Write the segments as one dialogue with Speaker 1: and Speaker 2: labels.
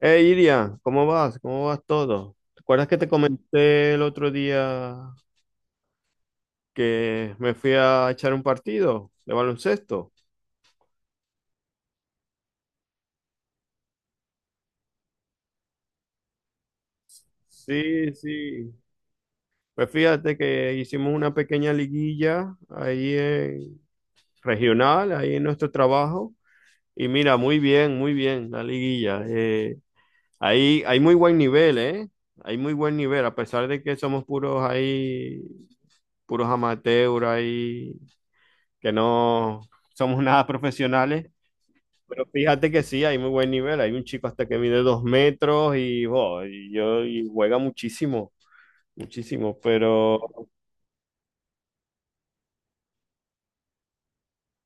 Speaker 1: Iria, ¿cómo vas? ¿Cómo vas todo? ¿Te acuerdas que te comenté el otro día que me fui a echar un partido de baloncesto? Sí, sí. Pues fíjate que hicimos una pequeña liguilla ahí en regional, ahí en nuestro trabajo. Y mira, muy bien la liguilla. Ahí hay muy buen nivel, ¿eh? Hay muy buen nivel, a pesar de que somos puros ahí, puros amateurs ahí que no somos nada profesionales, pero fíjate que sí, hay muy buen nivel. Hay un chico hasta que mide dos metros y, jo, y yo, y juega muchísimo, muchísimo, pero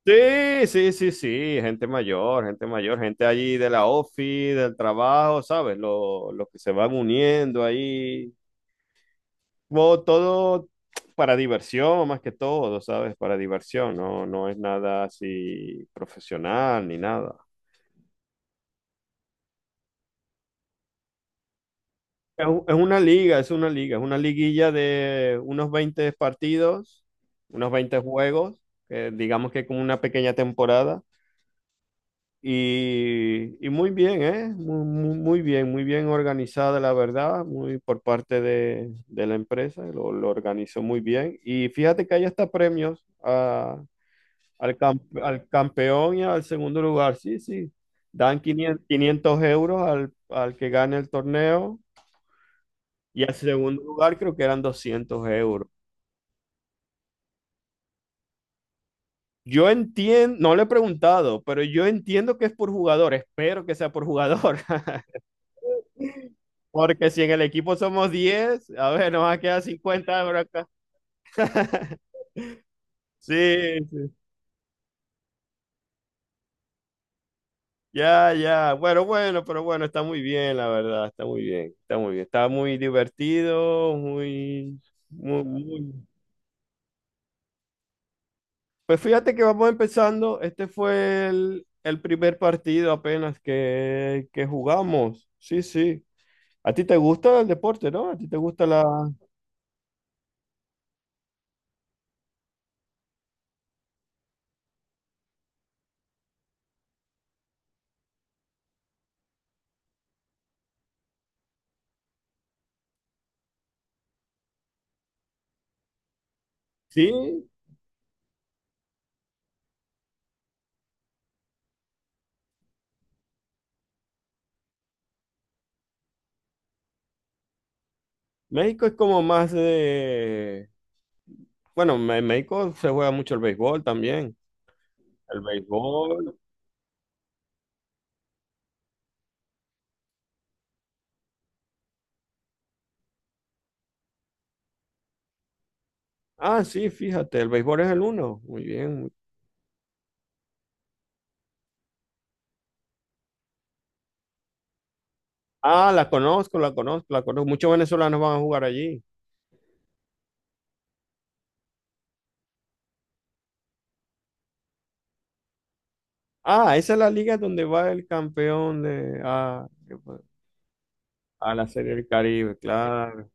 Speaker 1: sí, sí, sí, sí, gente mayor, gente mayor, gente allí de la ofi del trabajo, ¿sabes? Los que se van uniendo ahí, jo, todo para diversión más que todo, ¿sabes? Para diversión, no, no es nada así profesional ni nada. Es una liga, es una liga, es una liguilla de unos 20 partidos, unos veinte juegos, que digamos que como una pequeña temporada. Y muy bien, ¿eh? Muy bien organizada, la verdad, muy por parte de la empresa, lo organizó muy bien. Y fíjate que hay hasta premios al campeón y al segundo lugar, sí, sí. Dan quinientos euros al, al que gane el torneo y al segundo lugar creo que eran 200 euros. Yo entiendo, no le he preguntado, pero yo entiendo que es por jugador, espero que sea por jugador, porque si en el equipo somos 10 a ver, nos va a quedar 50 euros acá. Sí, sí, ya, ya, bueno, bueno, pero bueno, está muy bien, la verdad, está muy bien, está muy bien, está muy divertido, muy, muy, muy... Pues fíjate que vamos empezando, este fue el primer partido apenas que jugamos, sí, sí. ¿A ti te gusta el deporte, no? ¿A ti te gusta la...? Sí, México es como más de... Bueno, en México se juega mucho el béisbol también. El béisbol. Ah, sí, fíjate, el béisbol es el uno. Muy bien. Ah, la conozco, la conozco, la conozco. Muchos venezolanos van a jugar allí. Ah, esa es la liga donde va el campeón de... Ah, qué bueno. A la Serie del Caribe, claro.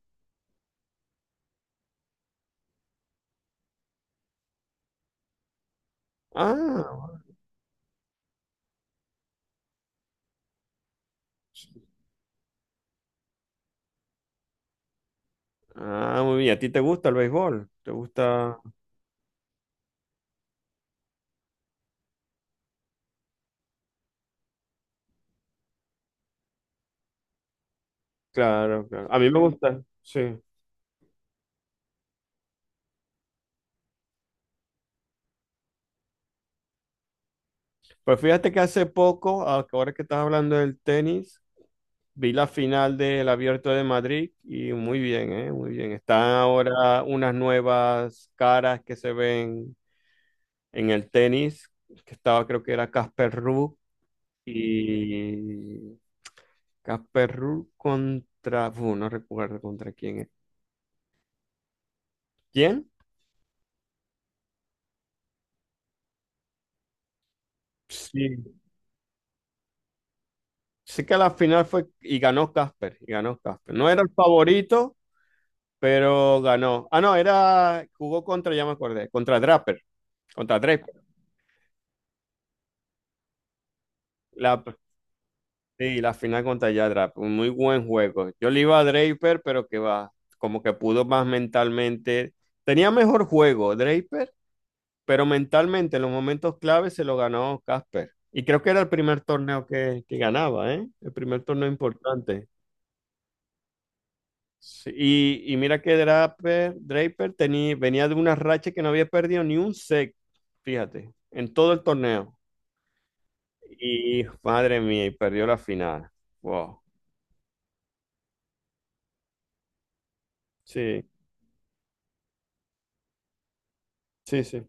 Speaker 1: Ah, bueno. Ah, muy bien. ¿A ti te gusta el béisbol? ¿Te gusta? Claro, claro. A mí me gusta, sí. Pues fíjate que hace poco, ahora que estás hablando del tenis, vi la final del Abierto de Madrid y muy bien, ¿eh? Muy bien. Están ahora unas nuevas caras que se ven en el tenis, que estaba creo que era Casper Ruud y Casper Ruud contra, uf, no recuerdo contra quién es. ¿Quién? Sí. Sí que la final fue y ganó Casper, y ganó Casper. No era el favorito, pero ganó. Ah, no, era, jugó contra, ya me acordé, contra Draper, contra Draper. La, sí, la final contra ya Draper, un muy buen juego. Yo le iba a Draper, pero que va, como que pudo más mentalmente. Tenía mejor juego Draper, pero mentalmente en los momentos claves se lo ganó Casper. Y creo que era el primer torneo que ganaba, ¿eh? El primer torneo importante. Sí, y mira que Draper, Draper tenía, venía de una racha que no había perdido ni un set, fíjate, en todo el torneo. Y madre mía, y perdió la final. Wow. Sí, sí, sí.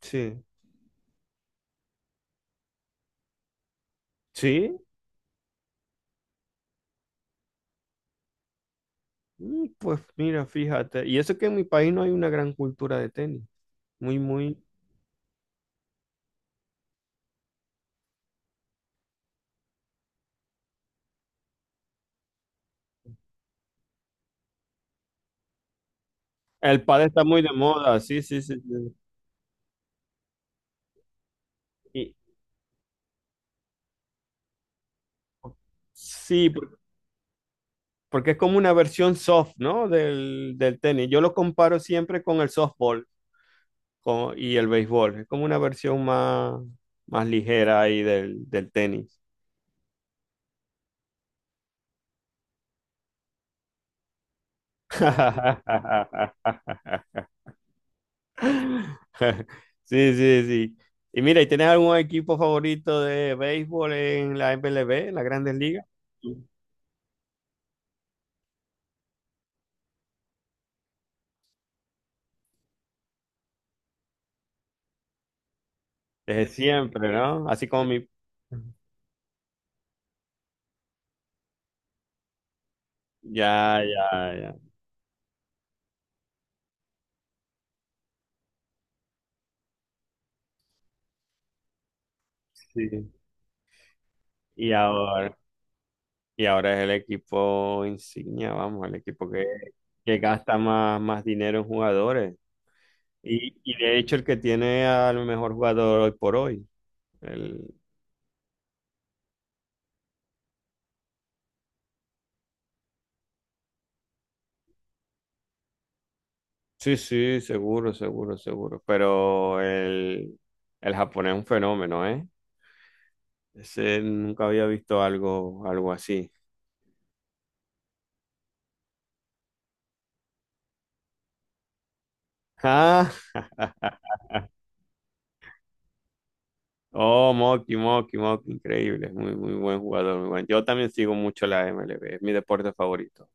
Speaker 1: Sí. Sí. Mm, pues mira, fíjate. Y eso que en mi país no hay una gran cultura de tenis. Muy, muy. El pádel está muy de moda, sí, sí, sí, sí. Y, sí, porque es como una versión soft, ¿no? Del, del tenis. Yo lo comparo siempre con el softball. Como- y el béisbol. Es como una versión más, más ligera ahí del, del tenis. Sí, sí, sí. Y mira, ¿y tienes algún equipo favorito de béisbol en la MLB, en las Grandes Ligas? Desde siempre, ¿no? Así como mi... Ya, ya, ya. Sí. Y ahora, y ahora es el equipo insignia, vamos, el equipo que gasta más, más dinero en jugadores. Y de hecho el que tiene al mejor jugador hoy por hoy. El, sí, sí, seguro, seguro, seguro. Pero el japonés es un fenómeno, ¿eh? Ese nunca había visto algo, algo así. Ah, oh, Moki, Moki, Moki, increíble. Muy, muy buen jugador, muy buen. Yo también sigo mucho la MLB, es mi deporte favorito.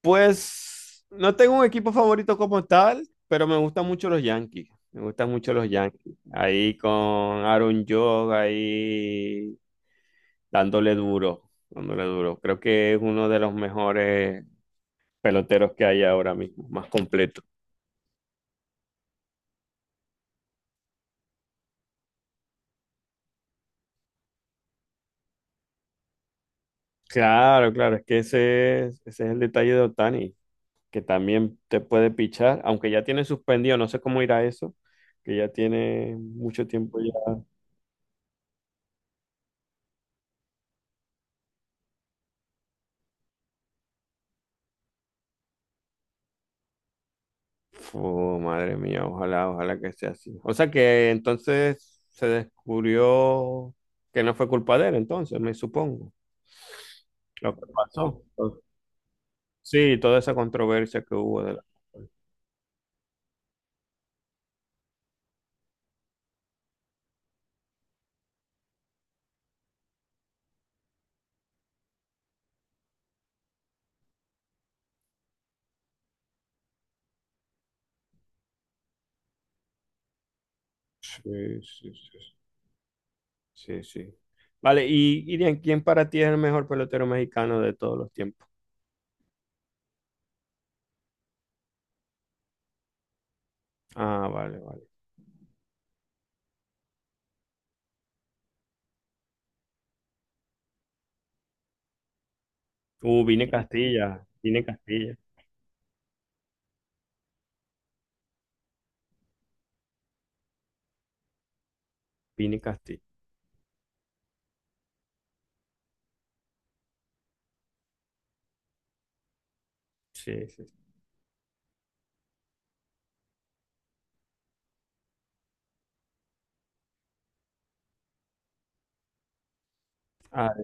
Speaker 1: Pues no tengo un equipo favorito como tal, pero me gustan mucho los Yankees. Me gustan mucho los Yankees. Ahí con Aaron Judge, ahí dándole duro, dándole duro. Creo que es uno de los mejores peloteros que hay ahora mismo, más completo. Claro, claro, es que ese es el detalle de Otani, que también te puede pichar, aunque ya tiene suspendido, no sé cómo irá eso, que ya tiene mucho tiempo. Oh, madre mía, ojalá, ojalá que sea así. O sea que entonces se descubrió que no fue culpa de él, entonces, me supongo, lo que pasó. Sí, toda esa controversia que hubo de la... Sí, sí, sí, sí, sí. Vale, y Irian, ¿quién para ti es el mejor pelotero mexicano de todos los tiempos? Ah, vale, vale. Vine Castilla, Vine Castilla, Vine Castilla. Sí, sí. Ah,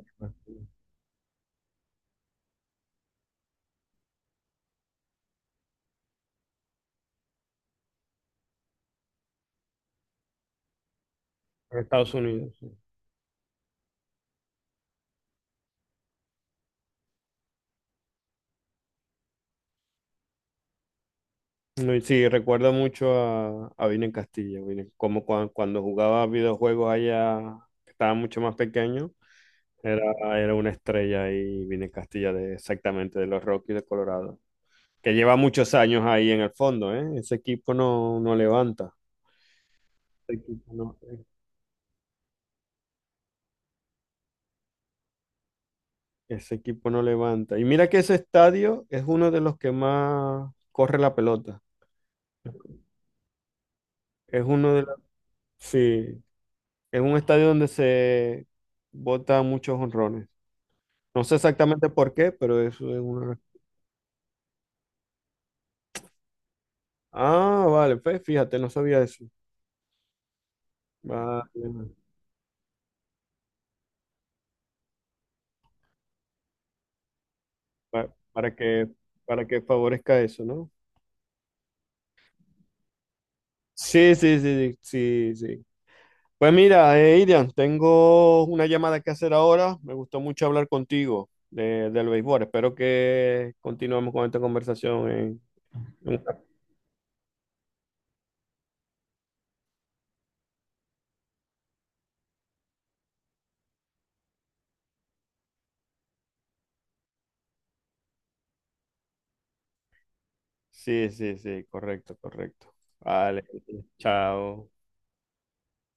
Speaker 1: de Estados Unidos, sí. No, y sí, recuerda mucho a Vine en Castilla, cuando jugaba videojuegos allá, que estaba mucho más pequeño, era, era una estrella ahí, Vine en Castilla, de, exactamente, de los Rockies de Colorado, que lleva muchos años ahí en el fondo, ¿eh? Ese equipo no, no levanta, ese equipo no, ese equipo no levanta. Y mira que ese estadio es uno de los que más corre la pelota, es uno de los, sí, es un estadio donde se bota muchos honrones. No sé exactamente por qué, pero eso es una... Ah, vale, pues fíjate, no sabía eso. Vale, pa- para que, para que favorezca eso, ¿no? Sí, sí, sí, sí, sí. Pues mira, Irian, tengo una llamada que hacer ahora. Me gustó mucho hablar contigo de, del béisbol. Espero que continuemos con esta conversación en- Sí, sí, sí, correcto, correcto. Vale, chao.